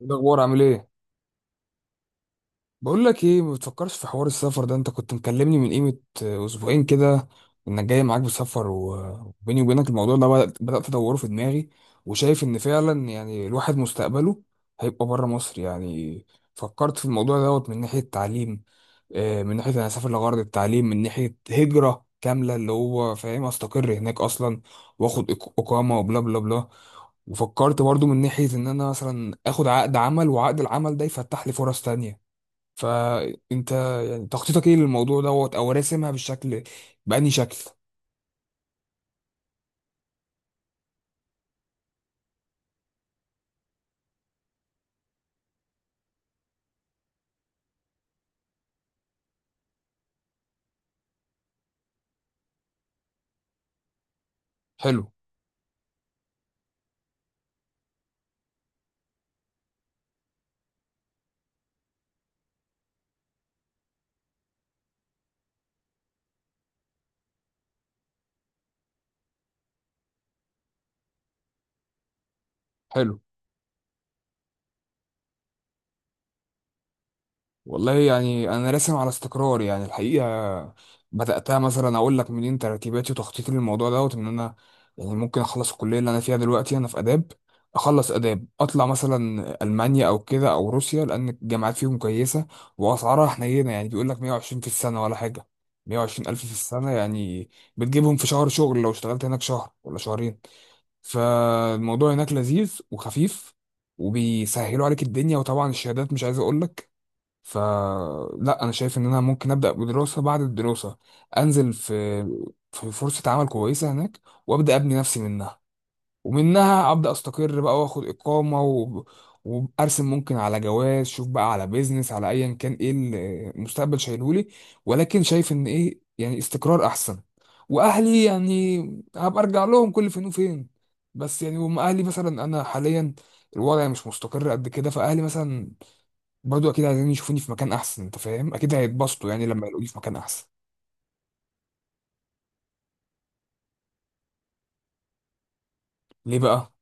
إيه الاخبار؟ عامل ايه؟ بقول لك ايه، ما بتفكرش في حوار السفر ده؟ انت كنت مكلمني من قيمة اسبوعين كده انك جاي معاك بسفر وبيني وبينك الموضوع ده بدأت ادوره في دماغي، وشايف ان فعلا يعني الواحد مستقبله هيبقى بره مصر يعني. فكرت في الموضوع دوت من ناحية تعليم، من ناحية انا هسافر لغرض التعليم، من ناحية هجرة كاملة اللي هو فاهم استقر هناك اصلا، واخد اقامة وبلا بلا بلا. وفكرت برضو من ناحية ان انا مثلا اخد عقد عمل وعقد العمل ده يفتح لي فرص تانية. فانت يعني تخطيطك ايه للموضوع دوت، او راسمها بالشكل بأني شكل؟ حلو، حلو. والله يعني انا راسم على استقرار يعني الحقيقه. بدأتها مثلا اقول لك منين، ترتيباتي وتخطيطي للموضوع دوت ان انا يعني ممكن اخلص الكليه اللي انا فيها دلوقتي، انا في اداب، اخلص اداب اطلع مثلا المانيا او كده او روسيا لان الجامعات فيهم كويسه واسعارها حنينه، يعني بيقول لك 120 في السنه ولا حاجه، 120 الف في السنه يعني، بتجيبهم في شهر شغل لو اشتغلت هناك شهر ولا شهرين. فالموضوع هناك لذيذ وخفيف وبيسهلوا عليك الدنيا، وطبعا الشهادات مش عايز اقول لك. فلا انا شايف ان انا ممكن ابدا بدراسه، بعد الدراسه انزل في فرصه عمل كويسه هناك، وابدا ابني نفسي منها، ومنها ابدا استقر بقى واخد اقامه و... وارسم ممكن على جواز، شوف بقى على بيزنس، على ايا كان ايه المستقبل شايلهولي. ولكن شايف ان ايه يعني استقرار احسن. واهلي يعني هبقى ارجع لهم كل فين وفين. بس يعني هم اهلي مثلا، انا حاليا الوضع مش مستقر قد كده، فاهلي مثلا برضو اكيد عايزين يشوفوني في مكان احسن. انت فاهم، اكيد هيتبسطوا يعني لما يلاقوني في مكان احسن. ليه بقى؟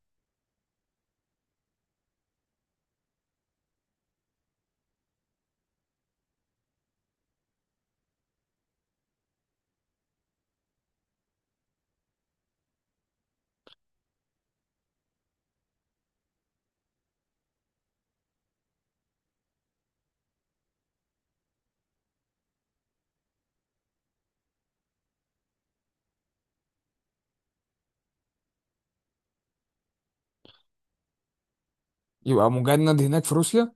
يبقى مجند هناك في روسيا؟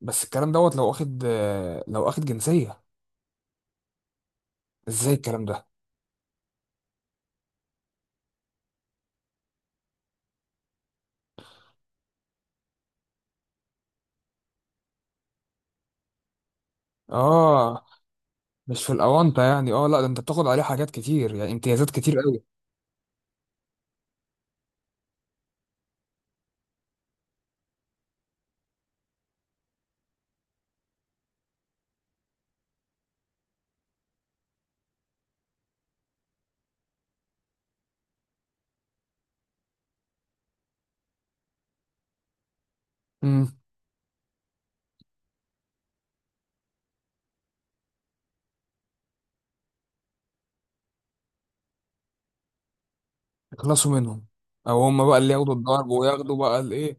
بس الكلام دوت لو واخد، لو واخد جنسية. ازاي الكلام ده؟ اه، مش في الاونطه يعني. اه، لا ده انت بتاخد عليه حاجات كتير يعني، امتيازات كتير قوي. امم. يخلصوا منهم، او هم بقى اللي ياخدوا الضرب وياخدوا بقى الايه.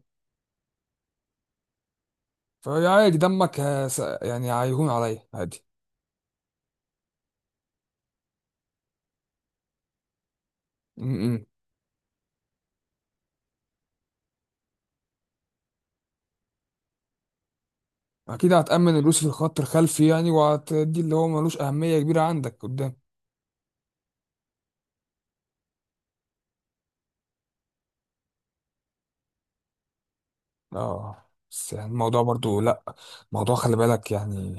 فهي عادي، دمك يعني هيهون عليا عادي. امم. اكيد هتأمن الروسي في الخط الخلفي يعني، وهتدي اللي هو ملوش اهميه كبيره عندك قدام. اه. بس يعني الموضوع برضو لا، الموضوع خلي بالك يعني،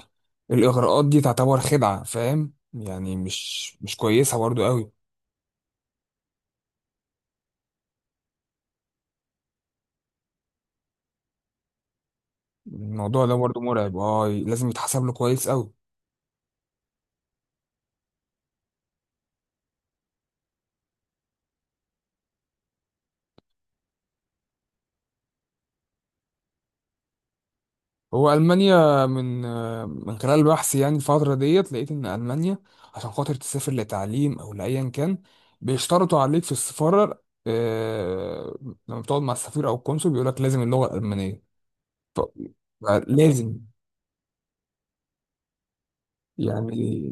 الاغراءات دي تعتبر خدعه، فاهم يعني، مش كويسه برضو قوي. الموضوع ده برضه مرعب، اه لازم يتحسب له كويس قوي. هو المانيا من من خلال بحثي يعني الفتره ديت، لقيت ان المانيا عشان خاطر تسافر لتعليم او لايا كان بيشترطوا عليك في السفاره، لما بتقعد مع السفير او القنصل بيقول لك لازم اللغه الالمانيه. لازم، يعني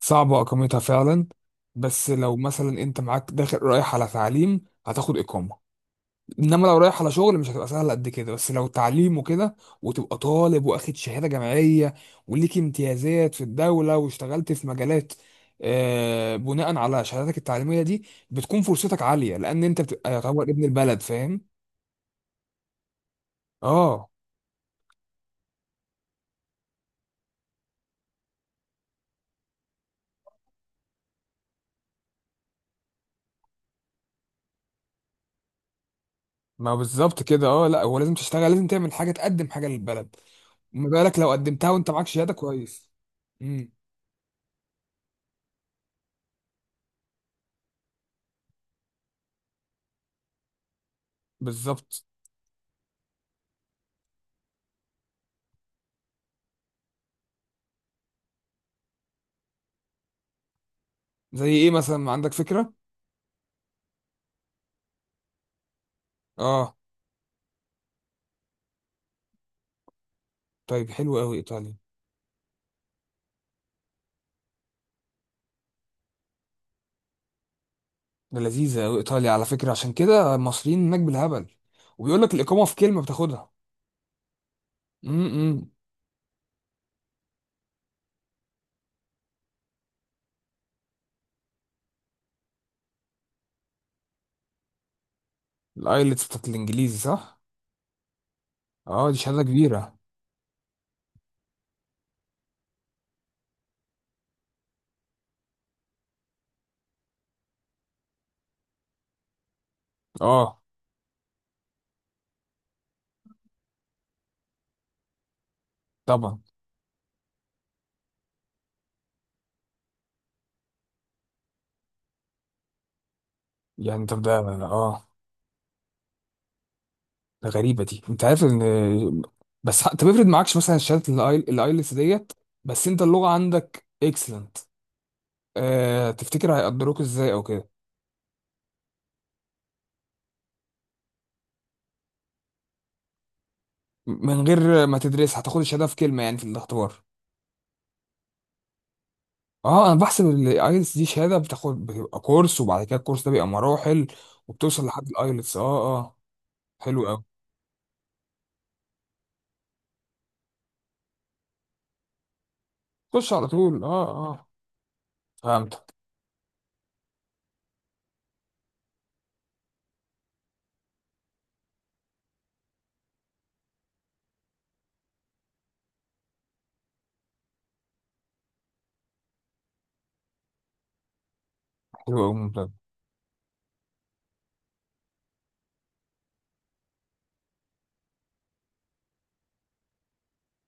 صعبه اقامتها فعلا. بس لو مثلا انت معاك داخل رايح على تعليم هتاخد اقامه، انما لو رايح على شغل مش هتبقى سهله قد كده. بس لو تعليم وكده وتبقى طالب واخد شهاده جامعيه، وليك امتيازات في الدوله، واشتغلت في مجالات بناء على شهادتك التعليميه دي، بتكون فرصتك عاليه لان انت بتبقى يعتبر ابن البلد، فاهم. اه. ما بالظبط كده، اه لا هو لازم تشتغل، لازم تعمل حاجه، تقدم حاجه للبلد. ما بالك لو قدمتها وانت معاك شهاده كويس. امم. بالظبط. زي ايه مثلا، عندك فكره؟ اه. طيب حلو قوي ايطاليا. ده لذيذة أوي إيطاليا على فكرة، عشان كده المصريين هناك بالهبل، وبيقول لك الإقامة في كلمة بتاخدها. امم. الآيلتس بتاعت الإنجليزي، صح؟ أه دي شهادة كبيرة. أه طبعا. يعني طب ده أه، ده غريبة دي. أنت عارف إن، بس أنت بيفرض معكش مثلا شهادة الآيلتس ديت، بس أنت اللغة عندك إكسلنت. أه تفتكر هيقدروك إزاي أو كده؟ من غير ما تدرس هتاخد الشهادة في كلمة يعني، في الاختبار. اه انا بحسب الايلتس دي شهاده بتاخد، بتبقى كورس وبعد كده الكورس ده بيبقى مراحل، وبتوصل لحد الايلتس، اه اه. حلو قوي. خش على طول، اه اه. فهمت. حلو قوي، ممتاز.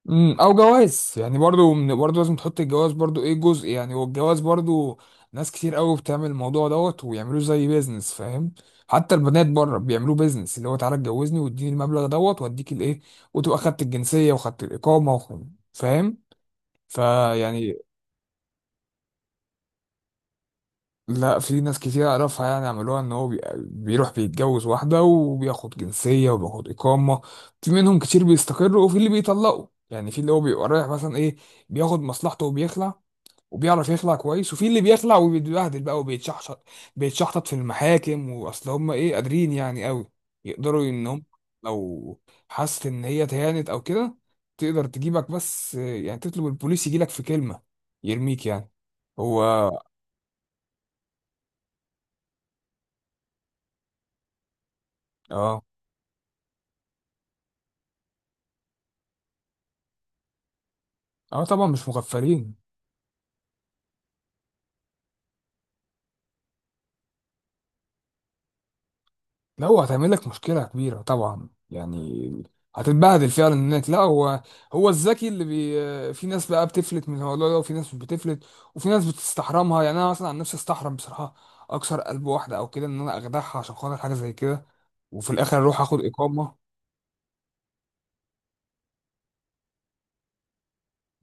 امم. او جواز يعني برضو، من برضو لازم تحط الجواز برضو، ايه، جزء يعني. والجواز برضو ناس كتير قوي بتعمل الموضوع دوت ويعملوه زي بيزنس، فاهم. حتى البنات بره بيعملوه بيزنس، اللي هو تعالى اتجوزني واديني المبلغ دوت واديك الايه، وتبقى خدت الجنسيه وخدت الاقامه فاهم. فيعني، لا، في ناس كتير اعرفها يعني عملوها، ان هو بيروح بيتجوز واحده وبياخد جنسيه وبياخد اقامه. في منهم كتير بيستقروا، وفي اللي بيطلقوا يعني، في اللي هو بيبقى رايح مثلا ايه، بياخد مصلحته وبيخلع، وبيعرف يخلع كويس. وفي اللي بيخلع وبيتبهدل بقى وبيتشحشط، بيتشحطط في المحاكم، واصل هم ايه، قادرين يعني قوي يقدروا ان هم لو حست ان هي تهانت او كده، تقدر تجيبك، بس يعني تطلب البوليس يجيلك في كلمه، يرميك يعني. هو اه. اه طبعا، مش مغفلين. لا هو هتعمل لك مشكله كبيره طبعا يعني، هتتبهدل فعلا هناك. لا هو، هو الذكي اللي بي، في ناس بقى بتفلت من الموضوع ده وفي ناس مش بتفلت. وفي ناس بتستحرمها يعني، انا مثلا عن نفسي استحرم بصراحه اكسر قلب واحده او كده، ان انا اخدعها عشان خاطر حاجه زي كده وفي الاخر اروح اخد اقامه.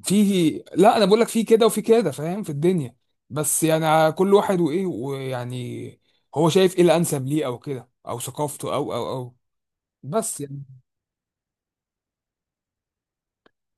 في، لا انا بقول لك في كده وفي كده، فاهم، في الدنيا. بس يعني على كل واحد وايه ويعني هو شايف ايه الانسب ليه او كده، او ثقافته او بس.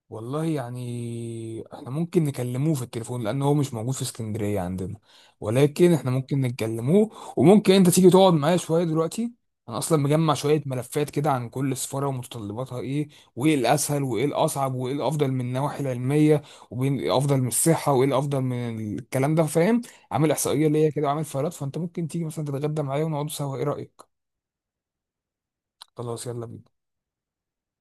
والله يعني احنا ممكن نكلموه في التليفون، لان هو مش موجود في اسكندرية عندنا، ولكن احنا ممكن نكلموه. وممكن انت تيجي تقعد معايا شوية دلوقتي، انا اصلا مجمع شوية ملفات كده عن كل سفارة ومتطلباتها ايه، وايه الاسهل وايه الاصعب، وايه الافضل من النواحي العلمية، وايه الافضل من الصحة، وايه الافضل من الكلام ده، فاهم. عامل احصائية ليا كده وعامل فايلات. فانت ممكن تيجي مثلا تتغدى معايا ونقعدوا سوا، ايه رأيك؟ خلاص يلا بينا.